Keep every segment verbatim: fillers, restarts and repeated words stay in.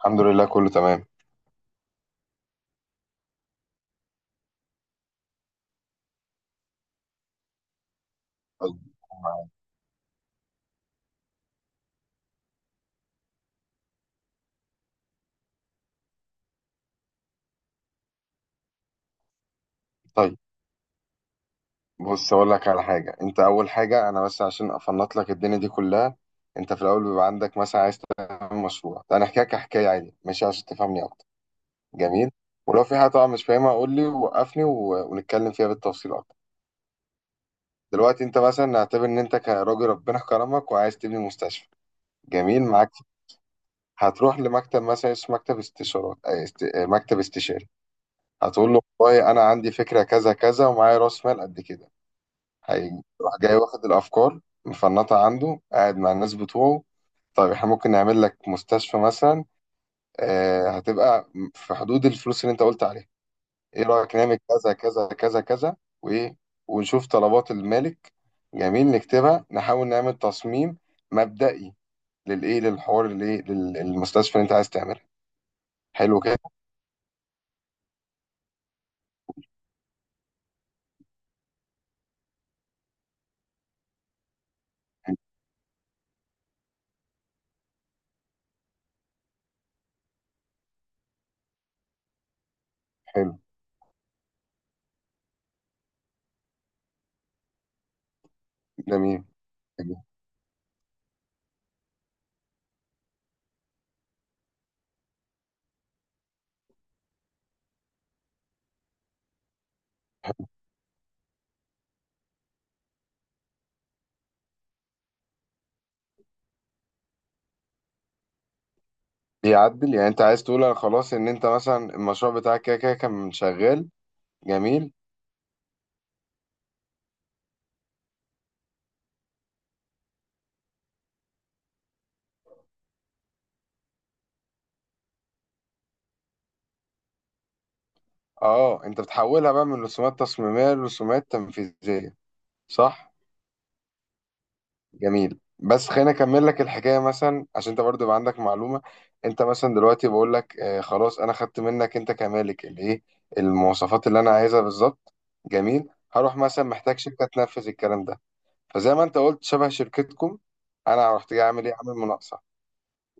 الحمد لله كله تمام. طيب، بص اقول لك على حاجه. انت اول حاجه انا بس عشان افنط لك الدنيا دي كلها. انت في الاول بيبقى عندك مثلا عايز تعمل مشروع. طيب، انا احكي لك حكايه عادي ماشي عشان تفهمني اكتر. جميل. ولو في حاجه طبعا مش فاهمها قول لي وقفني و- ونتكلم فيها بالتفصيل اكتر. دلوقتي انت مثلا نعتبر ان انت كراجل ربنا كرمك وعايز تبني مستشفى. جميل معاك. هتروح لمكتب مثلا اسمه مكتب استشارات، آه، است... آه، مكتب استشاري. هتقول له والله انا عندي فكره كذا كذا ومعايا راس مال قد كده. حقيقي راح جاي واخد الافكار مفنطها عنده قاعد مع الناس بتوعه. طيب احنا ممكن نعمل لك مستشفى مثلا. آه هتبقى في حدود الفلوس اللي انت قلت عليها. ايه رايك نعمل كذا كذا كذا كذا، وايه، ونشوف طلبات المالك. جميل، نكتبها نحاول نعمل تصميم مبدئي للايه، للحوار، الايه، لل- للمستشفى اللي انت عايز تعملها. حلو كده. حلو. جميل. جميل. بيعدل، يعني انت عايز تقول انا خلاص ان انت مثلا المشروع بتاعك كده كده كان شغال. جميل. اه، انت بتحولها بقى من رسومات تصميمية لرسومات تنفيذية. صح. جميل، بس خليني اكمل لك الحكاية مثلا عشان انت برضو يبقى عندك معلومة. انت مثلا دلوقتي بقول لك آه خلاص انا خدت منك انت كمالك الايه، المواصفات اللي انا عايزها بالظبط. جميل، هروح مثلا محتاج شركة تنفذ الكلام ده. فزي ما انت قلت شبه شركتكم. انا رحت جاي اعمل ايه، اعمل مناقصة.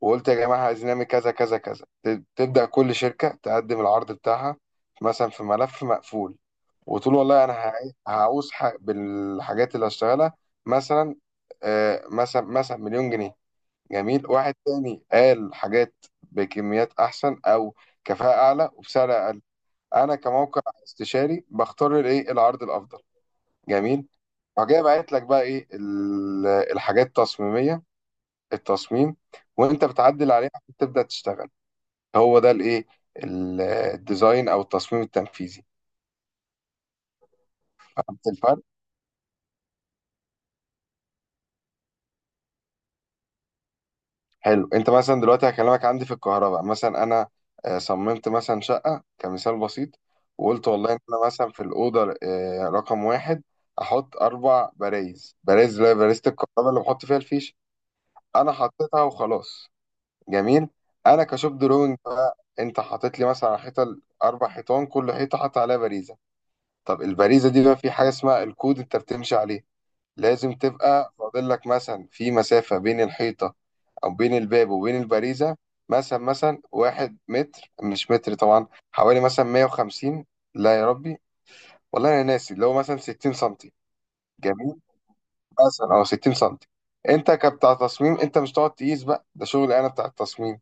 وقلت يا جماعة عايزين نعمل كذا كذا كذا، ت- تبدأ كل شركة تقدم العرض بتاعها مثلا في ملف مقفول. وتقول والله أنا هع- هعوز ح- بالحاجات اللي هشتغلها، مثلا، آه، مثلا مثلا مليون جنيه. جميل، واحد تاني قال حاجات بكميات أحسن أو كفاءة أعلى وبسعر أقل. أنا كموقع استشاري بختار الإيه، العرض الأفضل. جميل. وجاي بعت لك بقى إيه ال- الحاجات التصميمية، التصميم، وأنت بتعدل عليها عشان تبدأ تشتغل. هو ده الايه، ال- الديزاين او التصميم التنفيذي. فهمت الفرق؟ حلو، انت مثلا دلوقتي هكلمك عندي في الكهرباء مثلا، انا آه، صممت مثلا شقه كمثال بسيط. وقلت والله ان انا مثلا في الاوضه آه، رقم واحد احط اربع برايز. برايز اللي هي بارزه الكهرباء اللي بحط فيها الفيش. انا حطيتها وخلاص. جميل. انا كشوب دروينج بقى، انت حاطط لي مثلا على حيطه، اربع حيطان كل حيطه حاطط عليها باريزه. طب الباريزه دي بقى في حاجه اسمها الكود انت بتمشي عليه. لازم تبقى فاضل لك مثلا في مسافة بين الحيطة أو بين الباب وبين البريزة. مثلا مثلا واحد متر، مش متر طبعا، حوالي مثلا مية وخمسين. لا يا ربي، والله أنا ناسي، اللي هو مثلا ستين سنتي. جميل، مثلا، أو ستين سنتي. أنت كبتاع تصميم أنت مش تقعد تقيس بقى، ده شغل أنا بتاع التصميم.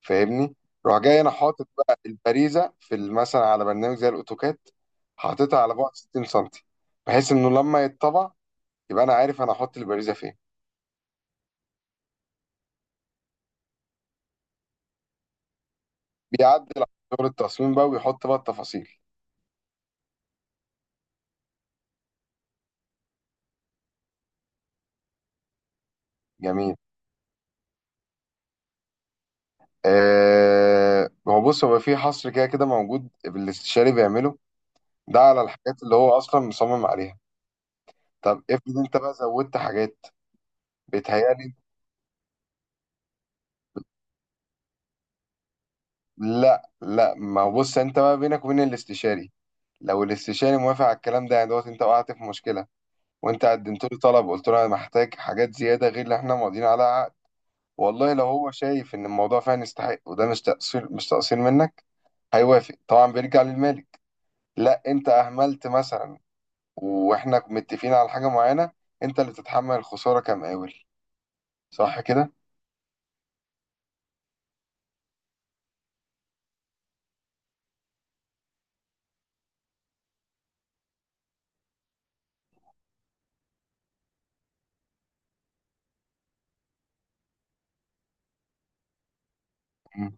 فاهمني؟ روح جاي أنا حاطط بقى البريزة في ال-، مثلا على برنامج زي الأوتوكاد، حاططها على بعد ستين سنتي. بحيث إنه لما يتطبع يبقى أنا عارف أنا هحط البريزة فين. بيعدل على دور التصميم بقى ويحط بقى التفاصيل. جميل. آه هو، بص، هو في حصر كده كده موجود الاستشاري بيعمله. ده على الحاجات اللي هو اصلا مصمم عليها. طب افرض انت بقى زودت حاجات. بيتهيألي لا، لا، ما هو بص انت بقى بينك وبين الاستشاري. لو الاستشاري موافق على الكلام ده يعني دوت انت وقعت في مشكله. وانت قدمت له طلب، قلت له انا محتاج حاجات زياده غير اللي احنا ماضيين عليها عقد. والله لو هو شايف ان الموضوع فعلا يستحق، وده مش تقصير، مش تقصير منك، هيوافق طبعا، بيرجع للمالك. لا انت اهملت مثلا، واحنا متفقين على حاجه معينه، انت اللي تتحمل الخساره كمقاول. صح كده؟ مم.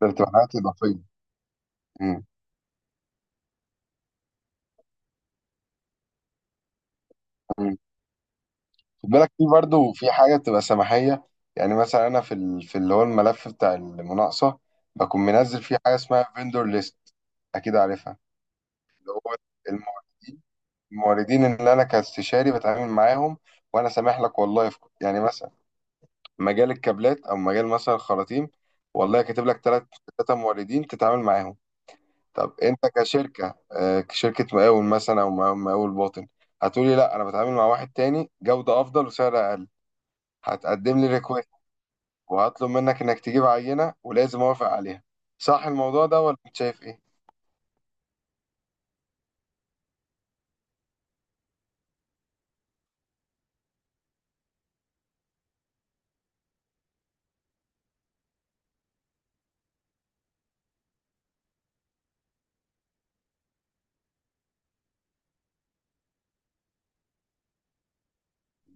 ده بتبقى حاجات اضافيه. مم. مم. خد بالك في برضه في حاجه بتبقى سماحيه. يعني مثلا انا في ال... في اللي هو الملف بتاع المناقصه، بكون منزل فيه حاجه اسمها فيندور ليست. اكيد عارفها. اللي هو الموردين. الموردين، اللي انا كاستشاري بتعامل معاهم. وانا سامح لك والله في، يعني مثلا مجال الكابلات او مجال مثلا الخراطيم، والله كاتب لك ثلاث ثلاثه موردين تتعامل معاهم. طب انت كشركه، آه، كشركه مقاول مثلا، او مقاول، مقاول باطن، هتقولي لا انا بتعامل مع واحد تاني جوده افضل وسعر اقل. هتقدم لي ريكويست، وهطلب منك انك تجيب عينه ولازم اوافق عليها. صح الموضوع ده ولا انت شايف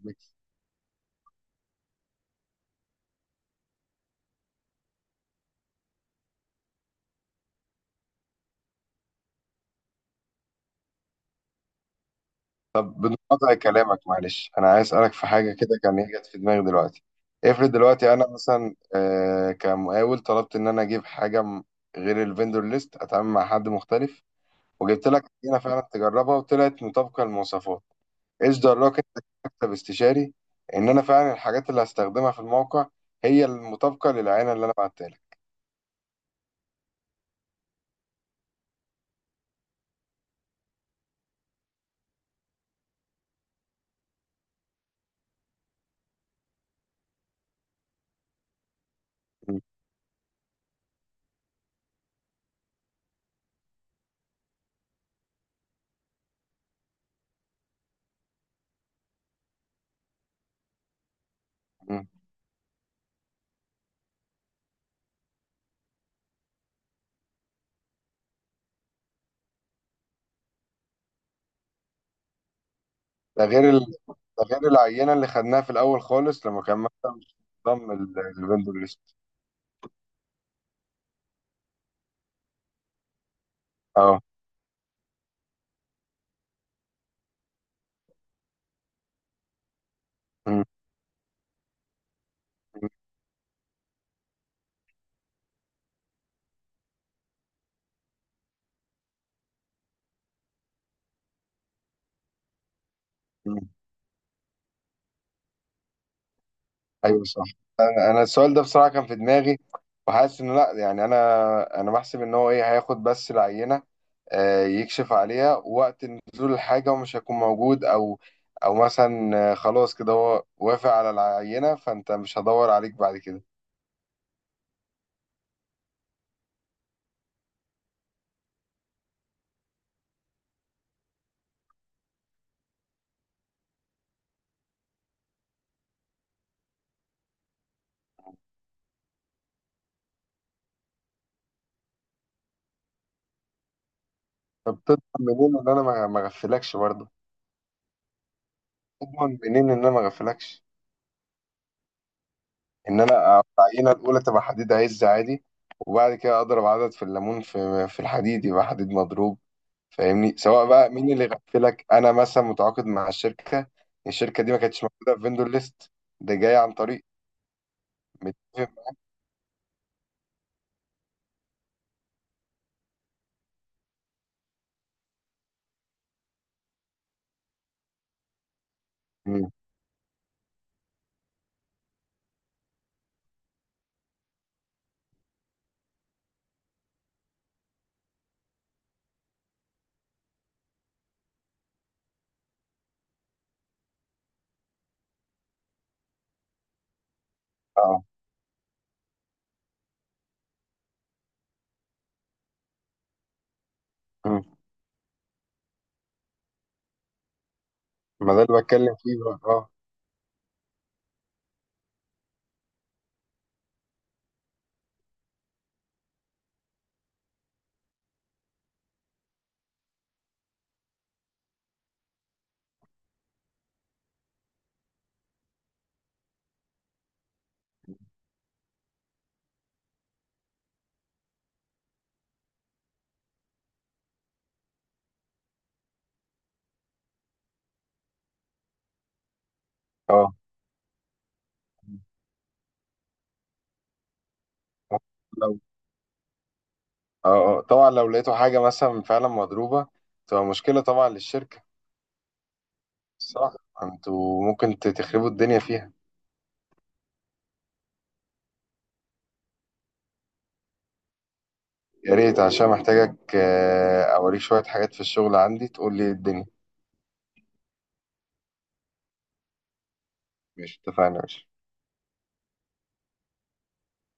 ايه؟ طب بنقطع كلامك، معلش، انا عايز اسالك في حاجه كده كان هي جت في دماغي دلوقتي. افرض دلوقتي انا مثلا آه، كمقاول طلبت ان انا اجيب حاجه م- غير الفندور ليست، اتعامل مع حد مختلف. وجبت لك هنا فعلا تجربها وطلعت مطابقه للمواصفات. ايش دراك انت كمكتب استشاري ان انا فعلا الحاجات اللي هستخدمها في الموقع هي المطابقه للعينه اللي انا بعتها لك؟ م-. م. ده غير ال...، ده غير العينه اللي خدناها في الاول خالص، لما كان مثلا مش ضم الفندور ليست. اه. م-. م. مم. ايوه صح. انا، انا السؤال ده بصراحه كان في دماغي. وحاسس انه لا، يعني انا انا بحسب ان هو ايه، هياخد بس العينه، آه، يكشف عليها وقت نزول الحاجه ومش هيكون موجود. او، او مثلا آه، خلاص كده هو وافق على العينه فانت مش هدور عليك بعد كده. طب تضمن منين ان انا ما ما اغفلكش برضه؟ تضمن منين ان انا ما اغفلكش؟ ان انا العينه الاولى تبقى حديد عز عادي، وبعد كده اضرب عدد في الليمون في في الحديد يبقى حديد مضروب. فاهمني؟ سواء بقى مين اللي غفلك، انا مثلا متعاقد مع الشركه، الشركه دي ما كانتش موجوده في فيندور ليست، ده جاي عن طريق. متفق. مم. اه. مم. ما ده اللي بتكلم فيه بقى. اه. اه. لو، اه، آه. طبعا لو لقيتوا حاجه مثلا فعلا مضروبه، تبقى مشكله طبعا للشركه. صح. انتوا ممكن ت- تخربوا الدنيا فيها. يا ريت، عشان محتاجك آه، اوريك شويه حاجات في الشغل عندي تقول لي إيه الدنيا. ماشي، اتفقنا يا باشا.